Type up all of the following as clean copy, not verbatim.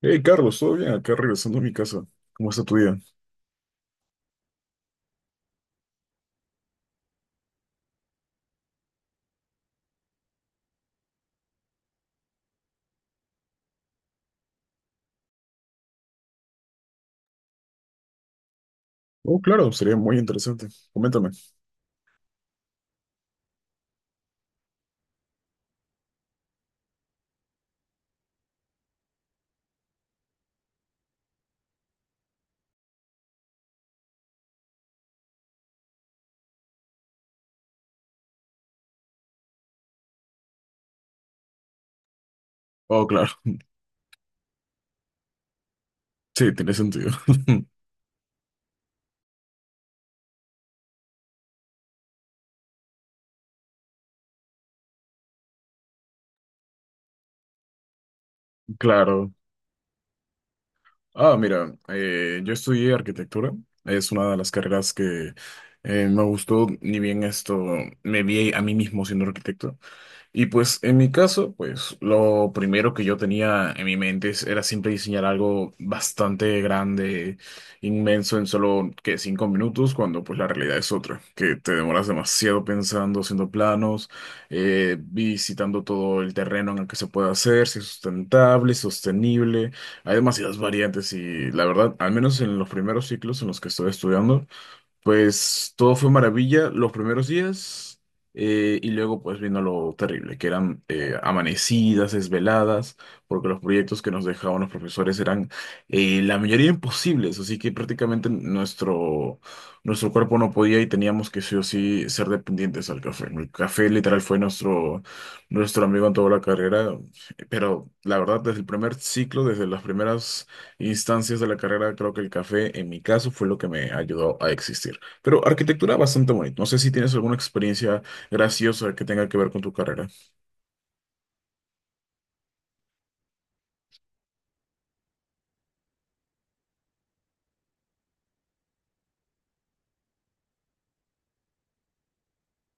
Hey Carlos, ¿todo bien? Acá regresando a mi casa. ¿Cómo está tu día? Oh, claro, sería muy interesante. Coméntame. Oh, claro. Sí, tiene sentido. Claro. Ah, mira, yo estudié arquitectura. Es una de las carreras que me gustó, ni bien esto, me vi a mí mismo siendo arquitecto. Y pues en mi caso, pues lo primero que yo tenía en mi mente era siempre diseñar algo bastante grande, inmenso en solo que 5 minutos, cuando pues la realidad es otra, que te demoras demasiado pensando, haciendo planos, visitando todo el terreno en el que se puede hacer, si es sustentable, sostenible, hay demasiadas variantes. Y la verdad, al menos en los primeros ciclos en los que estoy estudiando, pues todo fue maravilla los primeros días, y luego pues vino lo terrible, que eran amanecidas, desveladas, porque los proyectos que nos dejaban los profesores eran, la mayoría, imposibles, así que prácticamente nuestro cuerpo no podía y teníamos que sí o sí ser dependientes al café. El café literal fue nuestro amigo en toda la carrera, pero la verdad, desde el primer ciclo, desde las primeras instancias de la carrera, creo que el café en mi caso fue lo que me ayudó a existir. Pero arquitectura, bastante bonita. No sé si tienes alguna experiencia graciosa que tenga que ver con tu carrera.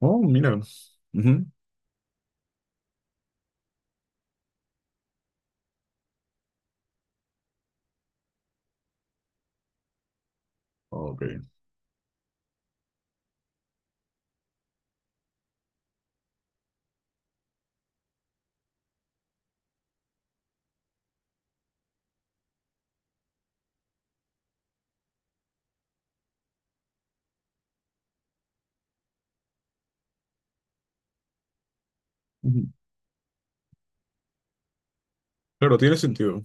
Oh, mira. Ujú. Ok. Ujú. Claro, tiene sentido.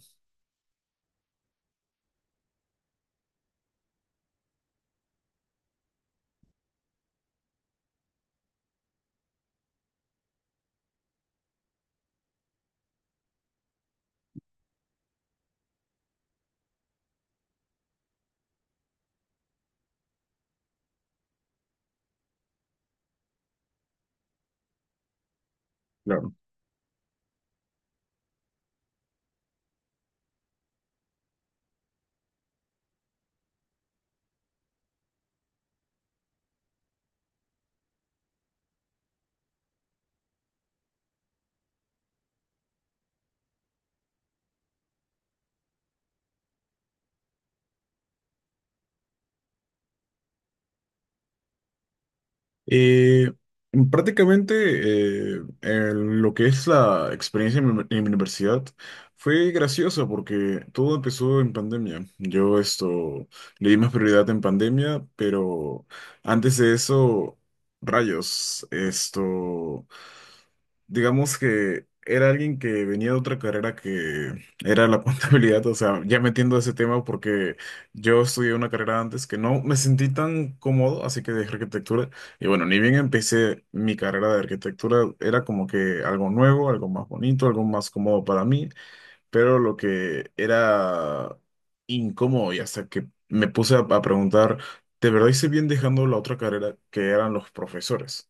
Claro. Eh, prácticamente en lo que es la experiencia en mi universidad, fue graciosa, porque todo empezó en pandemia. Yo esto le di más prioridad en pandemia, pero antes de eso, rayos, esto, digamos que era alguien que venía de otra carrera, que era la contabilidad, o sea, ya metiendo ese tema, porque yo estudié una carrera antes, que no me sentí tan cómodo, así que dejé arquitectura. Y bueno, ni bien empecé mi carrera de arquitectura, era como que algo nuevo, algo más bonito, algo más cómodo para mí, pero lo que era incómodo y hasta que me puse a preguntar, ¿de verdad hice bien dejando la otra carrera? Que eran los profesores.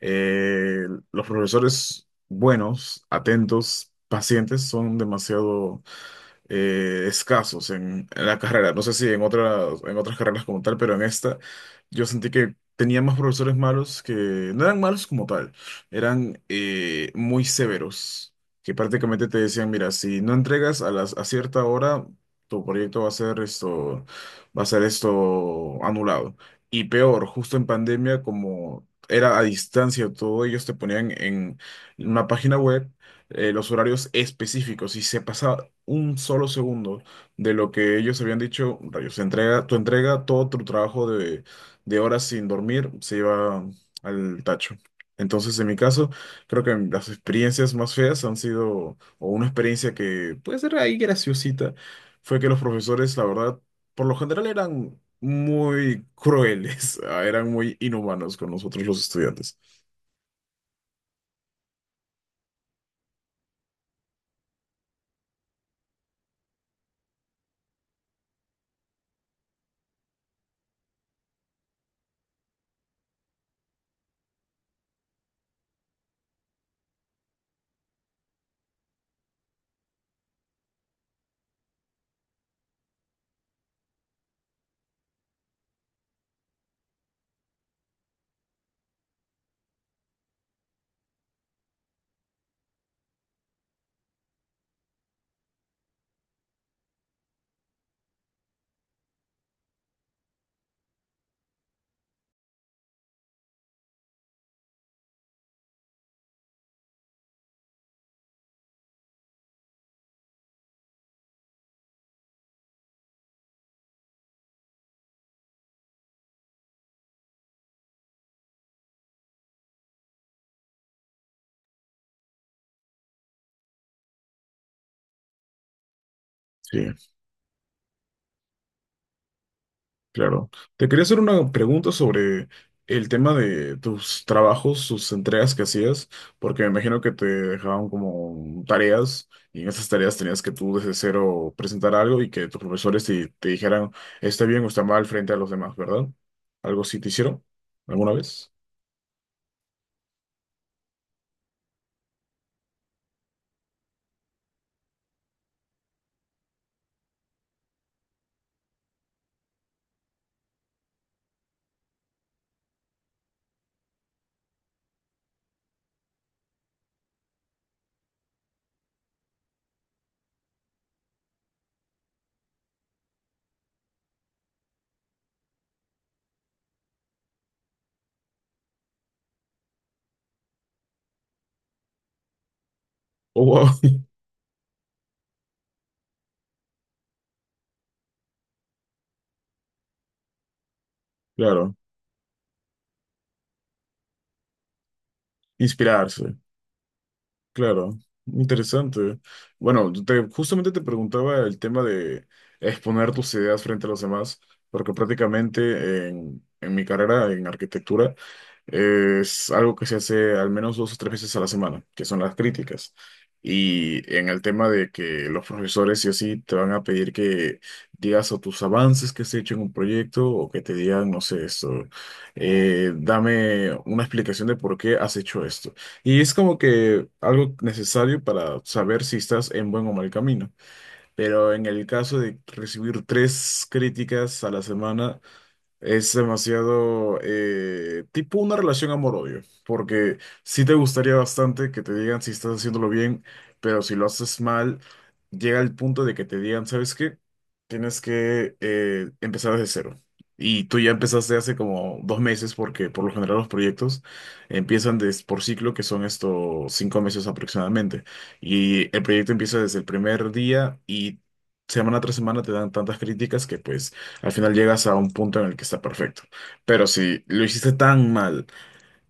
Eh, los profesores buenos, atentos, pacientes son demasiado escasos en la carrera. No sé si en otras carreras como tal, pero en esta yo sentí que tenía más profesores malos, que no eran malos como tal, eran muy severos, que prácticamente te decían, mira, si no entregas a cierta hora, tu proyecto va a ser esto, anulado. Y peor, justo en pandemia, como era a distancia todo, ellos te ponían en una página web los horarios específicos. Si se pasa un solo segundo de lo que ellos habían dicho, rayos, tu entrega, todo tu trabajo de horas sin dormir, se lleva al tacho. Entonces, en mi caso, creo que las experiencias más feas han sido, o una experiencia que puede ser ahí graciosita, fue que los profesores, la verdad, por lo general, eran muy crueles, eran muy inhumanos con nosotros, los estudiantes. Sí. Claro. Te quería hacer una pregunta sobre el tema de tus trabajos, sus entregas que hacías, porque me imagino que te dejaban como tareas, y en esas tareas tenías que tú desde cero presentar algo y que tus profesores te dijeran, está bien o está mal, frente a los demás, ¿verdad? ¿Algo así te hicieron alguna vez? Oh, wow. Claro, inspirarse. Claro, interesante. Bueno, yo justamente te preguntaba el tema de exponer tus ideas frente a los demás, porque prácticamente en mi carrera en arquitectura es algo que se hace al menos dos o tres veces a la semana, que son las críticas. Y en el tema de que los profesores sí o sí te van a pedir que digas, o tus avances que has hecho en un proyecto, o que te digan, no sé, esto, dame una explicación de por qué has hecho esto. Y es como que algo necesario para saber si estás en buen o mal camino. Pero en el caso de recibir tres críticas a la semana, es demasiado, tipo una relación amor-odio, porque sí te gustaría bastante que te digan si estás haciéndolo bien, pero si lo haces mal, llega el punto de que te digan, ¿sabes qué? Tienes que empezar desde cero. Y tú ya empezaste hace como 2 meses, porque por lo general los proyectos empiezan por ciclo, que son estos 5 meses aproximadamente. Y el proyecto empieza desde el primer día, y semana tras semana te dan tantas críticas que pues al final llegas a un punto en el que está perfecto. Pero si lo hiciste tan mal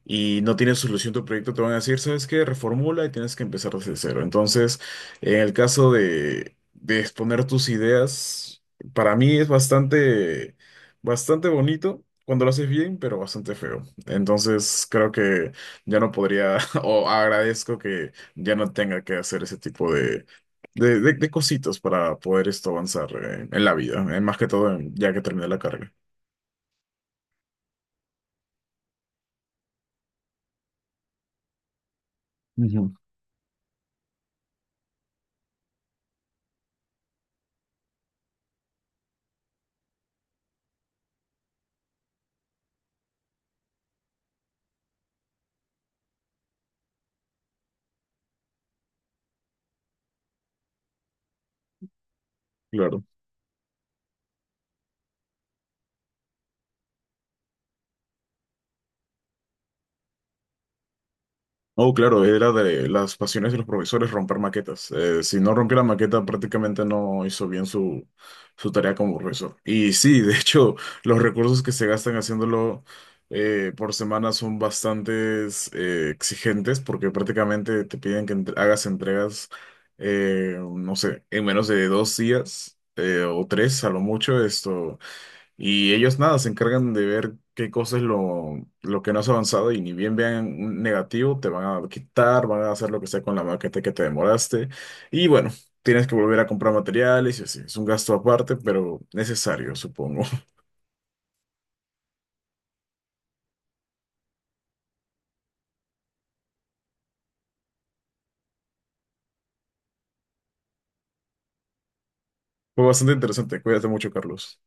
y no tienes solución tu proyecto, te van a decir, ¿sabes qué? Reformula, y tienes que empezar desde cero. Entonces, en el caso de, exponer tus ideas, para mí es bastante, bastante bonito cuando lo haces bien, pero bastante feo. Entonces creo que ya no podría, o agradezco que ya no tenga que hacer ese tipo de cositas para poder esto avanzar en la vida, más que todo ya que terminé la carrera. Ujú. Claro. Oh, claro, era de las pasiones de los profesores romper maquetas. Si no rompió la maqueta, prácticamente no hizo bien su tarea como profesor. Y sí, de hecho, los recursos que se gastan haciéndolo, por semana, son bastante exigentes, porque prácticamente te piden que hagas entregas, no sé, en menos de 2 días, o 3 a lo mucho. Esto. Y ellos nada, se encargan de ver qué cosa es lo que no has avanzado, y ni bien vean un negativo, te van a quitar, van a hacer lo que sea con la maqueta que te demoraste. Y bueno, tienes que volver a comprar materiales y así. Es un gasto aparte, pero necesario, supongo. Fue bastante interesante. Cuídate mucho, Carlos.